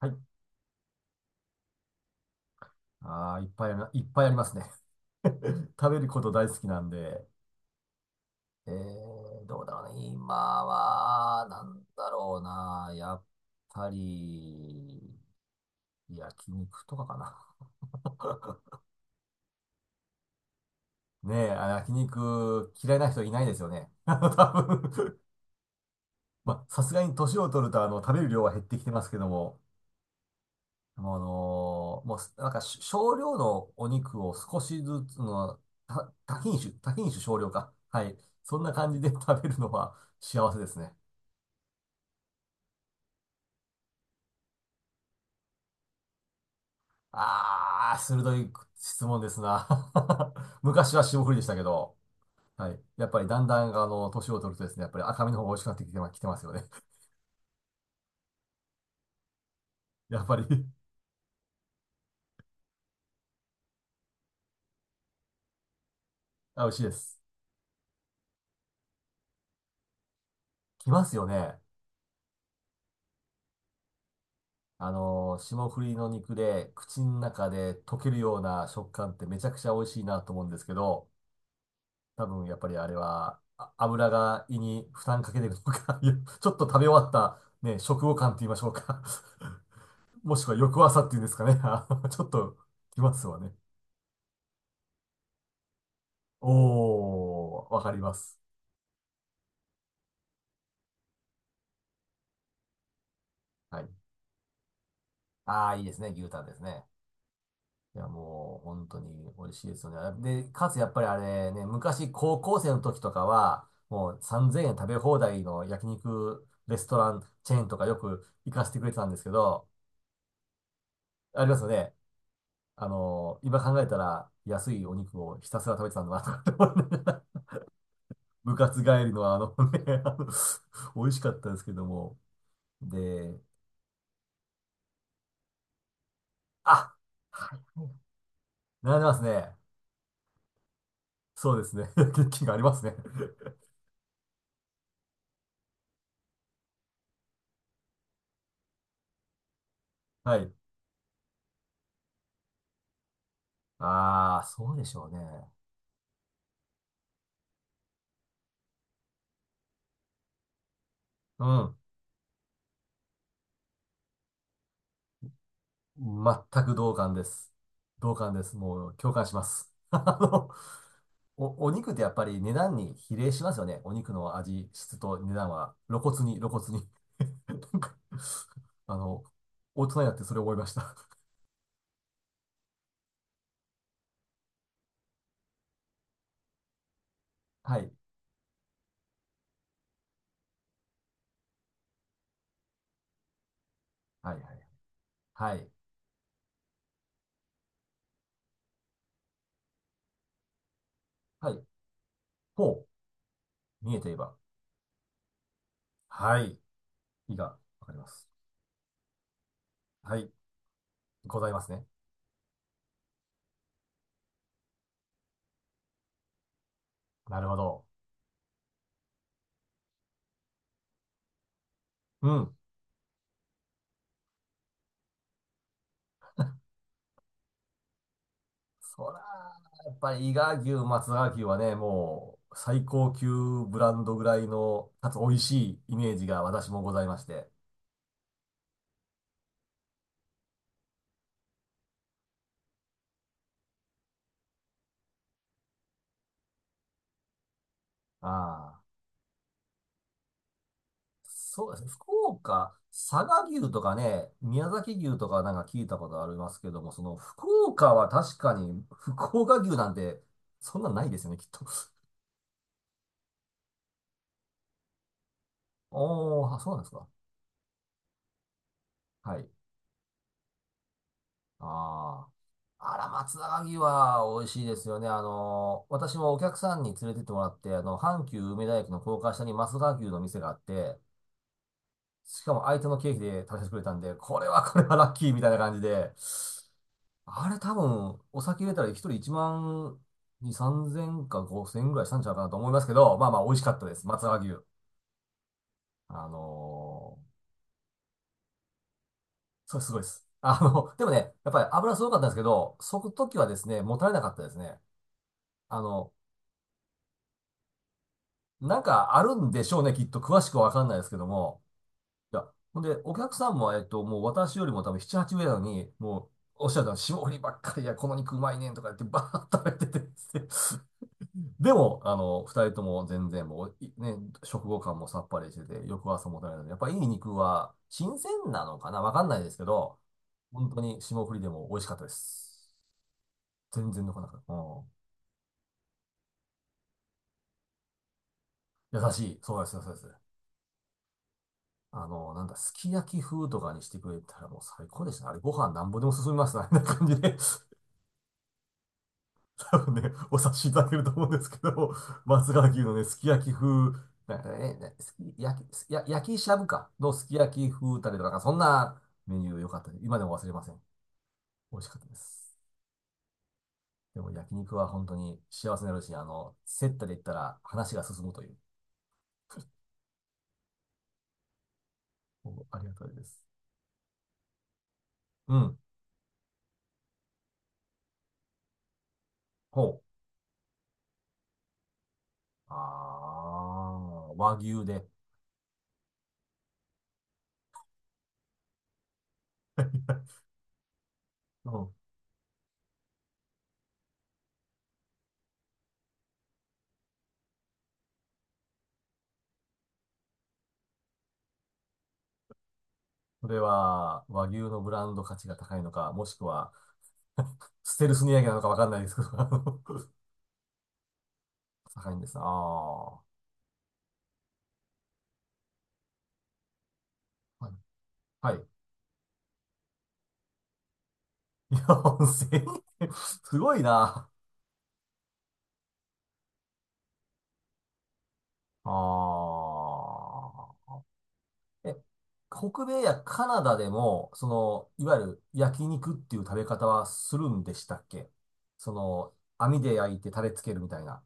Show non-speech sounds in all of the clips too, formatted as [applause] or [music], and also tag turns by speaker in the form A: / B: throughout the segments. A: はい。ああ、いっぱいありますね。[laughs] 食べること大好きなんで。えー、どうだろうね。今は、なんだろうな。やっぱり、焼肉とかかな。[laughs] ねえ、あ焼肉嫌いな人いないですよね。[laughs] あの多分。 [laughs] まあ、さすがに年を取ると、あの、食べる量は減ってきてますけども、あのーもう、なんかし少量のお肉を少しずつの、多品種、多品種少量か。はい。そんな感じで食べるのは幸せですね。あー、鋭い質問ですな。[laughs] 昔は霜降りでしたけど、はい。やっぱりだんだん、あの、年を取るとですね、やっぱり赤身の方が美味しくなってきてま、きてますよね。[laughs] やっぱりあ、美味しいです。きますよね。あの霜降りの肉で口の中で溶けるような食感ってめちゃくちゃ美味しいなと思うんですけど、多分やっぱりあれは、あ油が胃に負担かけてるのか。 [laughs] いやちょっと食べ終わった、ね、食後感って言いましょうか。 [laughs] もしくは翌朝っていうんですかね。 [laughs] あのちょっときますわね。おー、わかります。はい。ああ、いいですね。牛タンですね。いや、もう、本当に美味しいですよね。で、かつやっぱりあれね、昔高校生の時とかは、もう3000円食べ放題の焼肉レストランチェーンとかよく行かせてくれてたんですけど、ありますよね。あの、今考えたら安いお肉をひたすら食べてたんだなとかって思いながら、[laughs] 部活帰りのあのね、あの、美味しかったですけども。で、あ、はいはい、並んでますね。そうですね。[laughs] 元気がありますね。はい。ああ、そうでしょうね。うん。全く同感です。同感です。もう共感します。[laughs] あのお肉ってやっぱり値段に比例しますよね。お肉の味、質と値段は露骨に、露骨に。 [laughs] なんかあの、大人になってそれを覚えました。[laughs] はい。はい、はい。はい。はい。ほう。見えていれば。はい。いが、わかります。はい。ございますね。なるほど。うん。そら、やっぱり伊賀牛、松阪牛はね、もう最高級ブランドぐらいの、かつ美味しいイメージが私もございまして。ああ。そうですね。福岡、佐賀牛とかね、宮崎牛とかなんか聞いたことありますけども、その福岡は確かに福岡牛なんてそんなんないですよね、きっと。[laughs] おー、あ、そうなんですか。はい。ああ。あら、松阪牛は美味しいですよね。あのー、私もお客さんに連れてってもらって、あの、阪急梅田駅の高架下に松阪牛の店があって、しかも相手の経費で食べさせてくれたんで、これはこれはラッキーみたいな感じで、あれ多分、お酒入れたら一人1万2、3千か5千ぐらいしたんちゃうかなと思いますけど、まあまあ美味しかったです。松葉牛。あのー、それすごいです。[laughs] あの、でもね、やっぱり油すごかったんですけど、そく時はですね、もたれなかったですね。あの、なんかあるんでしょうね、きっと詳しくはわかんないですけども。いや、ほんで、お客さんも、えっと、もう私よりも多分7、8名なのに、もう、おっしゃるの、霜降りばっかりや、この肉うまいねんとか言ってバーッと食べててですね、でも、あの、二人とも全然もう、いね、食後感もさっぱりしてて、翌朝もたれないので、やっぱいい肉は新鮮なのかなわかんないですけど、本当に霜降りでも美味しかったです。全然残らなかった。うん。優しい。そうです、そうです。あの、なんだ、すき焼き風とかにしてくれたらもう最高でしたね。あれ、ご飯なんぼでも進みますね。[laughs] あんな感じで。多分ね、お察しいただけると思うんですけど、[laughs] 松川牛のね、すき焼き風、なんかね、すき焼き、しゃぶかのすき焼き風タレとか、なんかそんなメニュー良かったです。今でも忘れません。美味しかったです。でも焼肉は本当に幸せになるし、あの、接待で言ったら話が進むという。おありがたいです。うん。ほう。ああ、和牛で。[laughs] うん。それは、和牛のブランド価値が高いのか、もしくは、[laughs] ステルス値上げなのかわかんないですけど、あの。 [laughs] 高いんですああ。はい。はい。いや、4000円。すごいな。ああ。え、北米やカナダでも、その、いわゆる焼肉っていう食べ方はするんでしたっけ。その、網で焼いてタレつけるみたいな。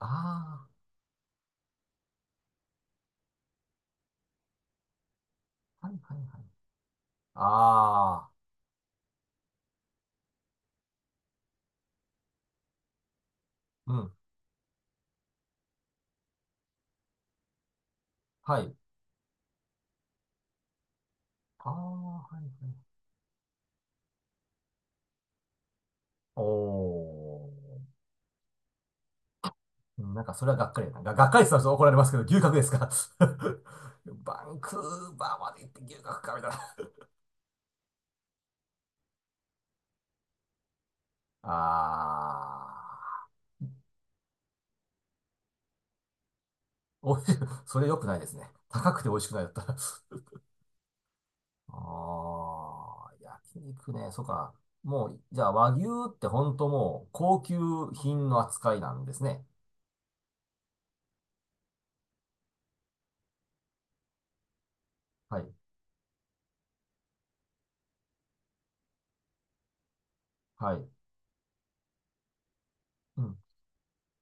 A: ああ、はいはいはい。ああ、うん。はい。ああ、はいはい。おー。うん、なんかそれはがっかりだな。がっかりしたら怒られますけど、牛角ですか。 [laughs] バンクーバーまで行って牛角かみたいな。あー。おいしい。それ良くないですね。高くて美味しくないだったら。[laughs] あー、焼肉ね。そうか。もう、じゃあ和牛って本当もう高級品の扱いなんですね。はい。はい。うん。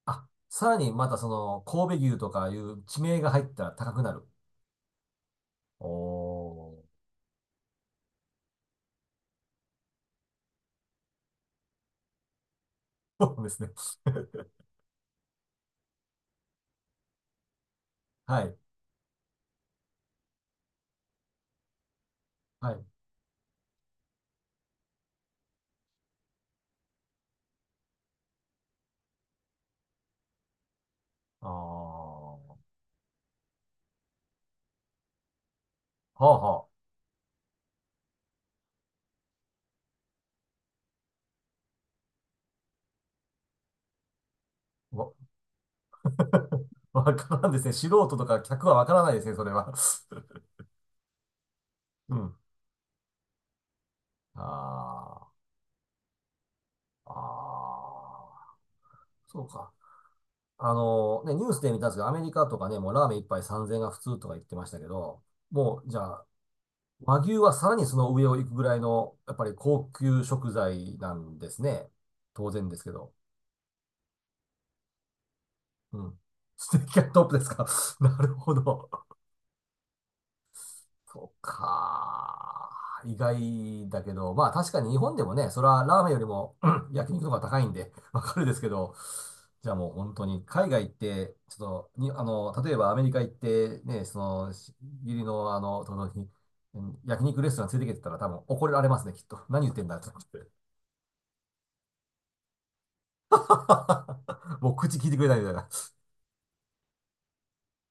A: あ、さらにまたその神戸牛とかいう地名が入ったら高くなる。おー。そうですね。[laughs] はい。はい。ああ、はあはあ。わ、[laughs] わからんですね。素人とか客はわからないですね、それは。[laughs] うん。ああ、ああ、そうか。あの、ね、ニュースで見たんですけど、アメリカとかね、もうラーメン一杯3000円が普通とか言ってましたけど、もう、じゃあ、和牛はさらにその上を行くぐらいの、やっぱり高級食材なんですね。当然ですけど。うん。ステーキがトップですか。[laughs] なるほど。そうか。意外だけど、まあ確かに日本でもね、それはラーメンよりもうん焼肉の方が高いんで、わかるですけど、じゃあもう本当に海外行って、ちょっとに、あの、例えばアメリカ行って、ね、その、し義理のあの、友達に、うん焼肉レストラン連れてきてたら多分怒られますね、きっと。何言ってんだって思って。[laughs] もう口聞いてくれないみたいな。